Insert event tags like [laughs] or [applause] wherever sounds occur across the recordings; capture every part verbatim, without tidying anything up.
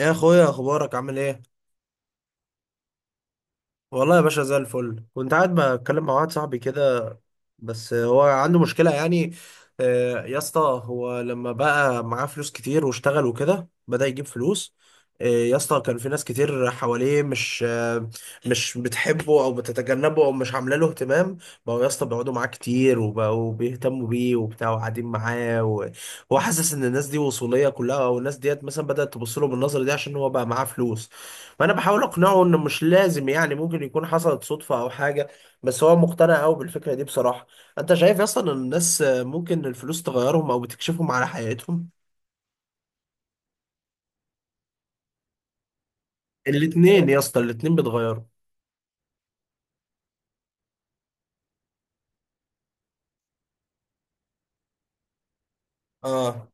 إيه يا اخويا، اخبارك؟ عامل ايه؟ والله يا باشا زي الفل. كنت قاعد بتكلم مع واحد صاحبي كده. بس هو عنده مشكله يعني. آه، يا اسطى هو لما بقى معاه فلوس كتير واشتغل وكده بدأ يجيب فلوس. آه، يا اسطى كان في ناس كتير حواليه مش آه، مش بتحبه او بتتجنبه او مش عامله له اهتمام. بقوا يا اسطى بيقعدوا معاه كتير وبقوا بيهتموا بيه وبتاع وقاعدين معاه. و- وهو حاسس ان الناس دي وصوليه كلها، او الناس ديت مثلا بدأت تبص له بالنظره دي عشان هو بقى معاه فلوس. فانا بحاول اقنعه انه مش لازم، يعني ممكن يكون حصلت صدفه او حاجه. بس هو مقتنع قوي بالفكره دي بصراحه. انت شايف اصلا ان الناس ممكن الفلوس تغيرهم او بتكشفهم على حياتهم؟ الاتنين يا اسطى، الاتنين بيتغيروا. اه.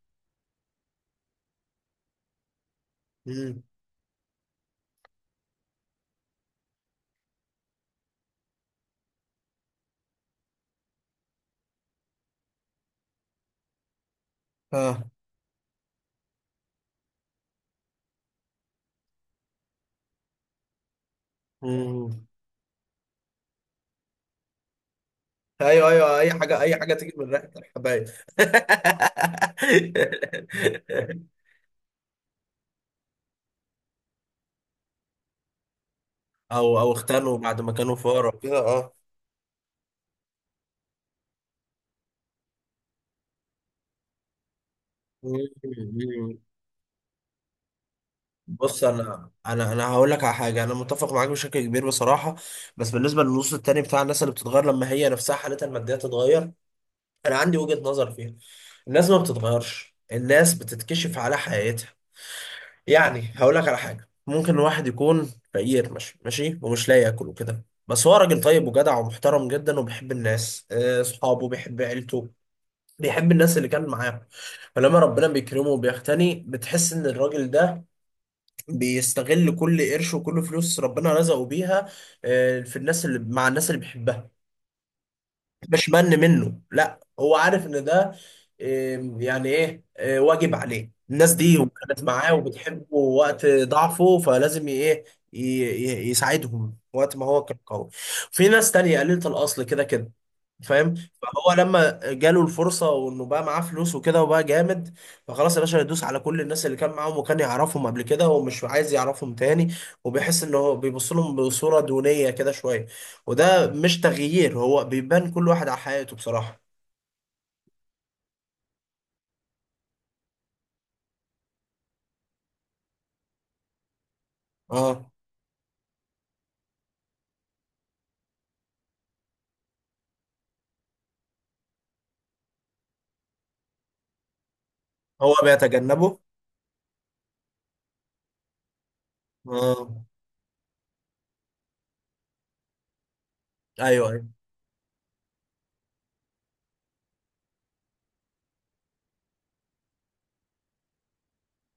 امم. اه. مم. ايوه، ايوه، اي حاجه اي حاجه تيجي من ريحه الحبايب. [laughs] او او اختنوا بعد ما كانوا فقراء كده. اه. مم. بص، انا انا انا هقول لك على حاجه. انا متفق معاك بشكل كبير بصراحه. بس بالنسبه للنص التاني بتاع الناس اللي بتتغير لما هي نفسها حالتها الماديه تتغير، انا عندي وجهه نظر فيها. الناس ما بتتغيرش. الناس بتتكشف على حياتها. يعني هقول لك على حاجه، ممكن واحد يكون فقير ماشي ماشي ومش لاقي ياكل وكده، بس هو راجل طيب وجدع ومحترم جدا وبيحب الناس، آه، اصحابه، بيحب عيلته. بيحب الناس اللي كان معاه. فلما ربنا بيكرمه وبيغتني، بتحس ان الراجل ده بيستغل كل قرش وكل فلوس ربنا رزقه بيها. آه، في الناس، اللي مع الناس اللي بيحبها. مش من منه، لا، هو عارف ان ده. آم، يعني ايه، آه، واجب عليه الناس دي وكانت معاه وبتحبه وقت ضعفه فلازم ي- ايه، ي- ي- يساعدهم وقت ما هو كان قوي. في ناس تانية قليلة الأصل كده كده. فاهم؟ فهو لما جاله الفرصة وانه بقى معاه فلوس وكده وبقى جامد، فخلاص يا باشا يدوس على كل الناس اللي كان معاهم وكان يعرفهم قبل كده، ومش عايز يعرفهم تاني. وبيحس ان هو بيبص لهم بصورة دونية كده شوية. وده مش تغيير، هو بيبان كل واحد على حياته بصراحة. اه. هو بيتجنبه. اه. ايوه، ايوه.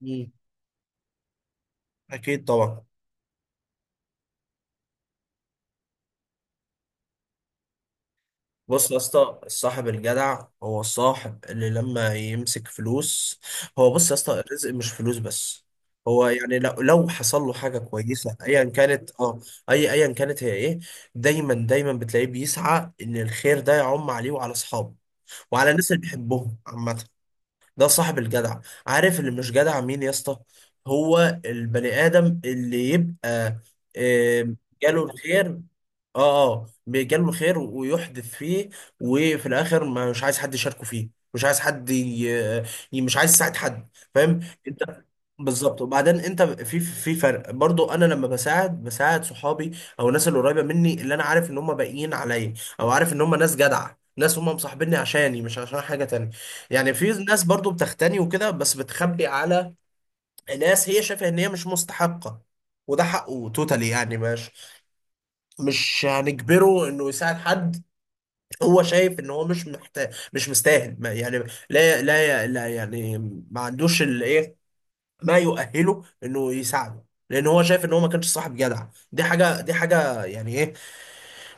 مم. اكيد طبعا. بص يا اسطى، الصاحب الجدع هو الصاحب اللي لما يمسك فلوس. هو بص يا اسطى، الرزق مش فلوس بس. هو يعني لو لو حصل له حاجة كويسة ايا كانت. اه. اي ايا كانت هي ايه، دايما دايما بتلاقيه بيسعى ان الخير ده يعم عليه وعلى اصحابه وعلى الناس اللي بيحبهم عامة. ده صاحب الجدع. عارف اللي مش جدع مين يا اسطى؟ هو البني ادم اللي يبقى آه، جاله الخير. اه اه بيجاله الخير ويحدث فيه. وفي الاخر ما- مش عايز حد يشاركه فيه، مش عايز حد ي... ي- مش عايز يساعد حد. فاهم؟ انت بالظبط. وبعدين انت في في فرق برضو. انا لما بساعد بساعد صحابي، او الناس اللي قريبه مني، اللي انا عارف ان هم باقيين عليا، او عارف ان هم ناس جدعه، ناس هم مصاحبيني عشاني مش عشان حاجه تانية. يعني في ناس برضو بتغتني وكده بس بتخبي على ناس هي شايفه ان هي مش مستحقه. وده حقه توتالي، يعني مش مش هنجبره انه يساعد حد. هو شايف ان هو مش محتاج، مش مستاهل، ما يعني، لا، لا، لا، يعني ما عندوش الايه، ما يؤهله انه يساعده. لان هو شايف ان هو ما كانش صاحب جدع. دي حاجه دي حاجه يعني ايه،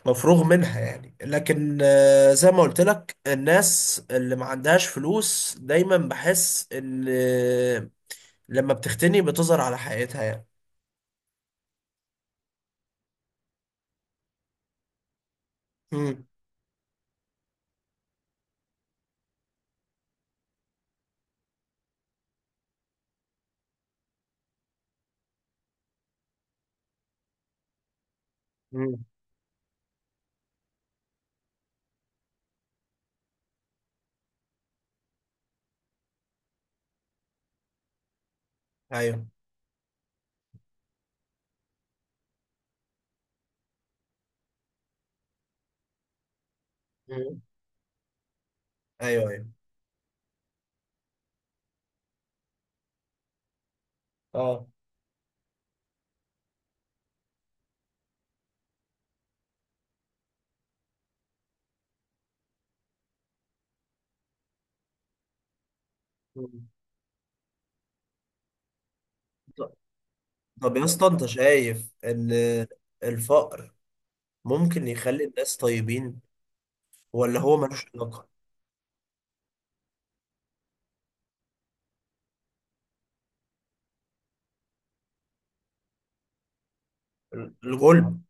مفروغ منها يعني. لكن آه، زي ما قلت لك، الناس اللي ما عندهاش فلوس دايما بحس ان، آه، لما بتغتني بتظهر على حقيقتها يعني. امم. امم. ايوه. مم. ايوه، ايوه. اه. مم. طب يا اسطى، انت شايف ان الفقر ممكن يخلي الناس طيبين، ولا هو ملوش علاقة؟ الغلب.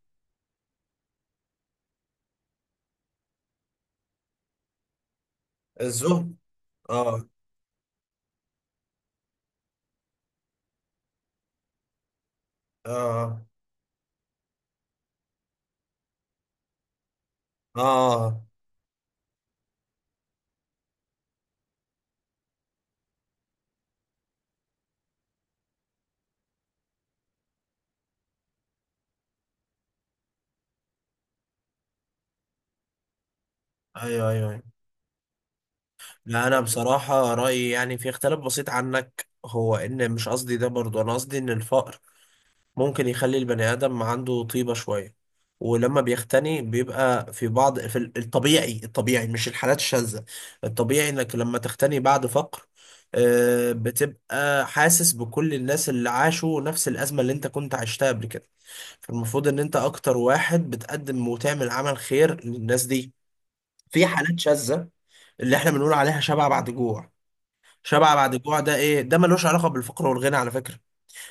الزهد. اه. اه. اه. ايوه، ايوه، ايوه. لا، انا بصراحة رأيي يعني في اختلاف بسيط عنك. هو ان مش قصدي ده برضو، انا قصدي ان الفقر ممكن يخلي البني آدم عنده طيبة شوية. ولما بيختني بيبقى في بعض في ال- الطبيعي الطبيعي، مش الحالات الشاذة. الطبيعي انك لما تختني بعد فقر، آه، بتبقى حاسس بكل الناس اللي عاشوا نفس الأزمة اللي انت كنت عشتها قبل كده. فالمفروض ان انت اكتر واحد بتقدم وتعمل عمل خير للناس دي. في حالات شاذة اللي احنا بنقول عليها شبع بعد جوع. شبع بعد جوع ده، ايه ده؟ ملوش علاقة بالفقر والغنى على فكرة.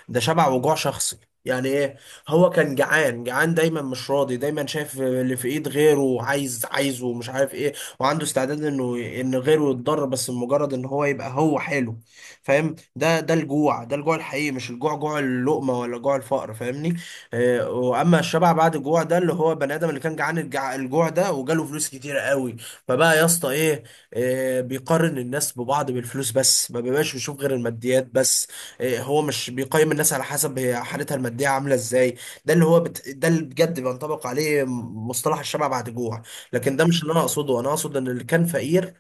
ده شبع وجوع شخصي. يعني ايه؟ هو كان جعان جعان دايما، مش راضي، دايما شايف اللي في ايد غيره، عايز عايزه ومش عارف ايه، وعنده استعداد انه ان غيره يتضرر، بس مجرد ان هو يبقى هو حلو. فاهم؟ ده ده الجوع ده الجوع الحقيقي، مش الجوع، جوع اللقمة ولا جوع الفقر، فاهمني؟ آه، واما الشبع بعد الجوع ده، اللي هو بني ادم اللي كان جعان الجع- الجوع ده، وجاله فلوس كتير قوي. فبقى يا اسطى ايه، آه، بيقارن الناس ببعض بالفلوس بس، ما بيبقاش بيشوف غير الماديات بس. إيه، هو مش بيقيم الناس على حسب هي حالتها المادية عاملة ازاي. ده اللي هو بت... ده اللي بجد بينطبق عليه مصطلح الشبع بعد جوع. لكن ده مش اللي انا اقصده، انا اقصد ان اللي كان فقير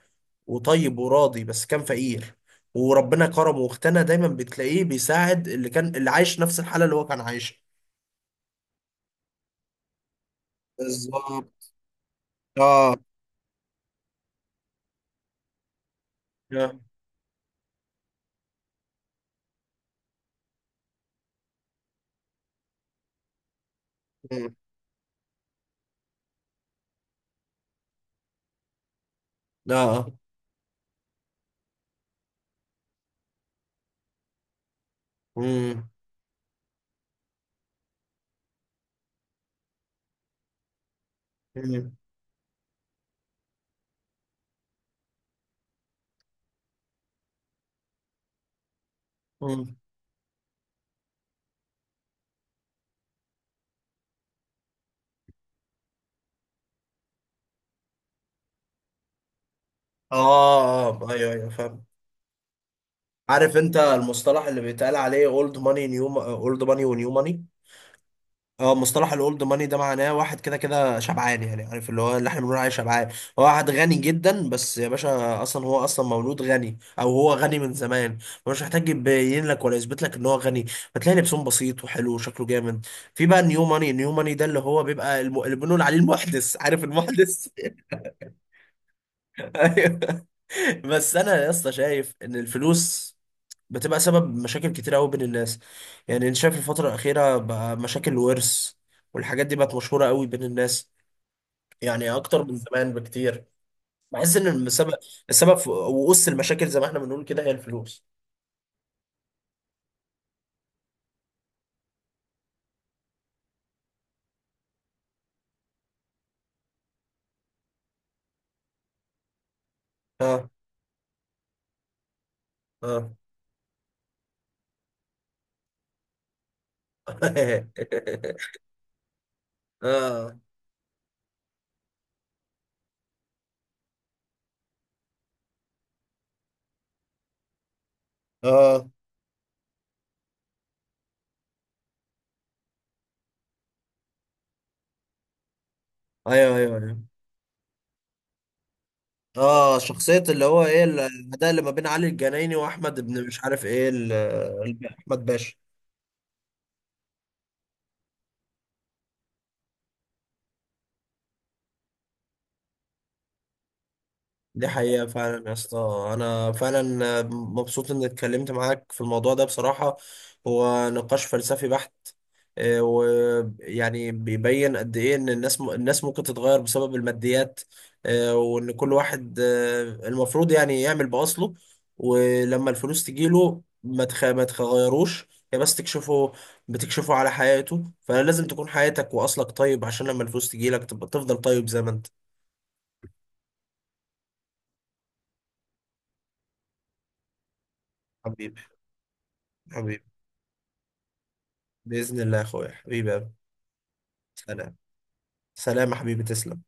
وطيب وراضي، بس كان فقير، وربنا كرمه واغتنى. دايما بتلاقيه بيساعد اللي كان اللي عايش نفس الحالة اللي هو كان عايشها. بالظبط. اه. اه. اه. مم. مم. مم. اه. آه. ايوه، ايوه، فاهم. عارف انت المصطلح اللي بيتقال عليه اولد ماني نيو اولد ماني ونيو ماني؟ اه، مصطلح الاولد ماني ده معناه واحد كده كده شبعان، يعني عارف اللي هو اللي احنا بنقول عليه شبعان. هو واحد غني جدا، بس يا باشا اصلا هو اصلا مولود غني او هو غني من زمان. مش محتاج يبين لك ولا يثبت لك ان هو غني. فتلاقي لبسهم بسيط وحلو وشكله جامد. في بقى النيو ماني، النيو ماني ده اللي هو بيبقى الم... اللي بنقول عليه المحدث. عارف المحدث؟ [laughs] ايوه. بس انا يا اسطى شايف ان الفلوس بتبقى سبب مشاكل كتير قوي بين الناس. يعني انت شايف الفترة الأخيرة بقى مشاكل الورث والحاجات دي بقت مشهورة قوي بين الناس، يعني اكتر من زمان بكتير. بحس ان السبب السبب في وقص المشاكل زي ما احنا بنقول كده هي الفلوس. اه. اه. [laughs] اه. اه. ايوه، ايوه، ايوه. اه، شخصية اللي هو ايه، الاداء اللي ما بين علي الجنايني واحمد ابن مش عارف ايه ال- ال- احمد باشا. دي حقيقة فعلا يا اسطى. أنا فعلا مبسوط إني اتكلمت معاك في الموضوع ده بصراحة. هو نقاش فلسفي بحت. آه، ويعني بيبين قد إيه إن الناس م... الناس ممكن تتغير بسبب الماديات. آه، وإن كل واحد آه، المفروض يعني يعمل بأصله. ولما الفلوس تجيله ما تخ... ما تغيروش. هي بس تكشفه. بتكشفه على حياته. فلازم تكون حياتك وأصلك طيب، عشان لما الفلوس تجيلك تبقى تفضل طيب زي ما أنت. حبيبي. حبيبي. بإذن الله يا أخويا. حبيبي يا أبو. سلام. سلام يا حبيبي، تسلم.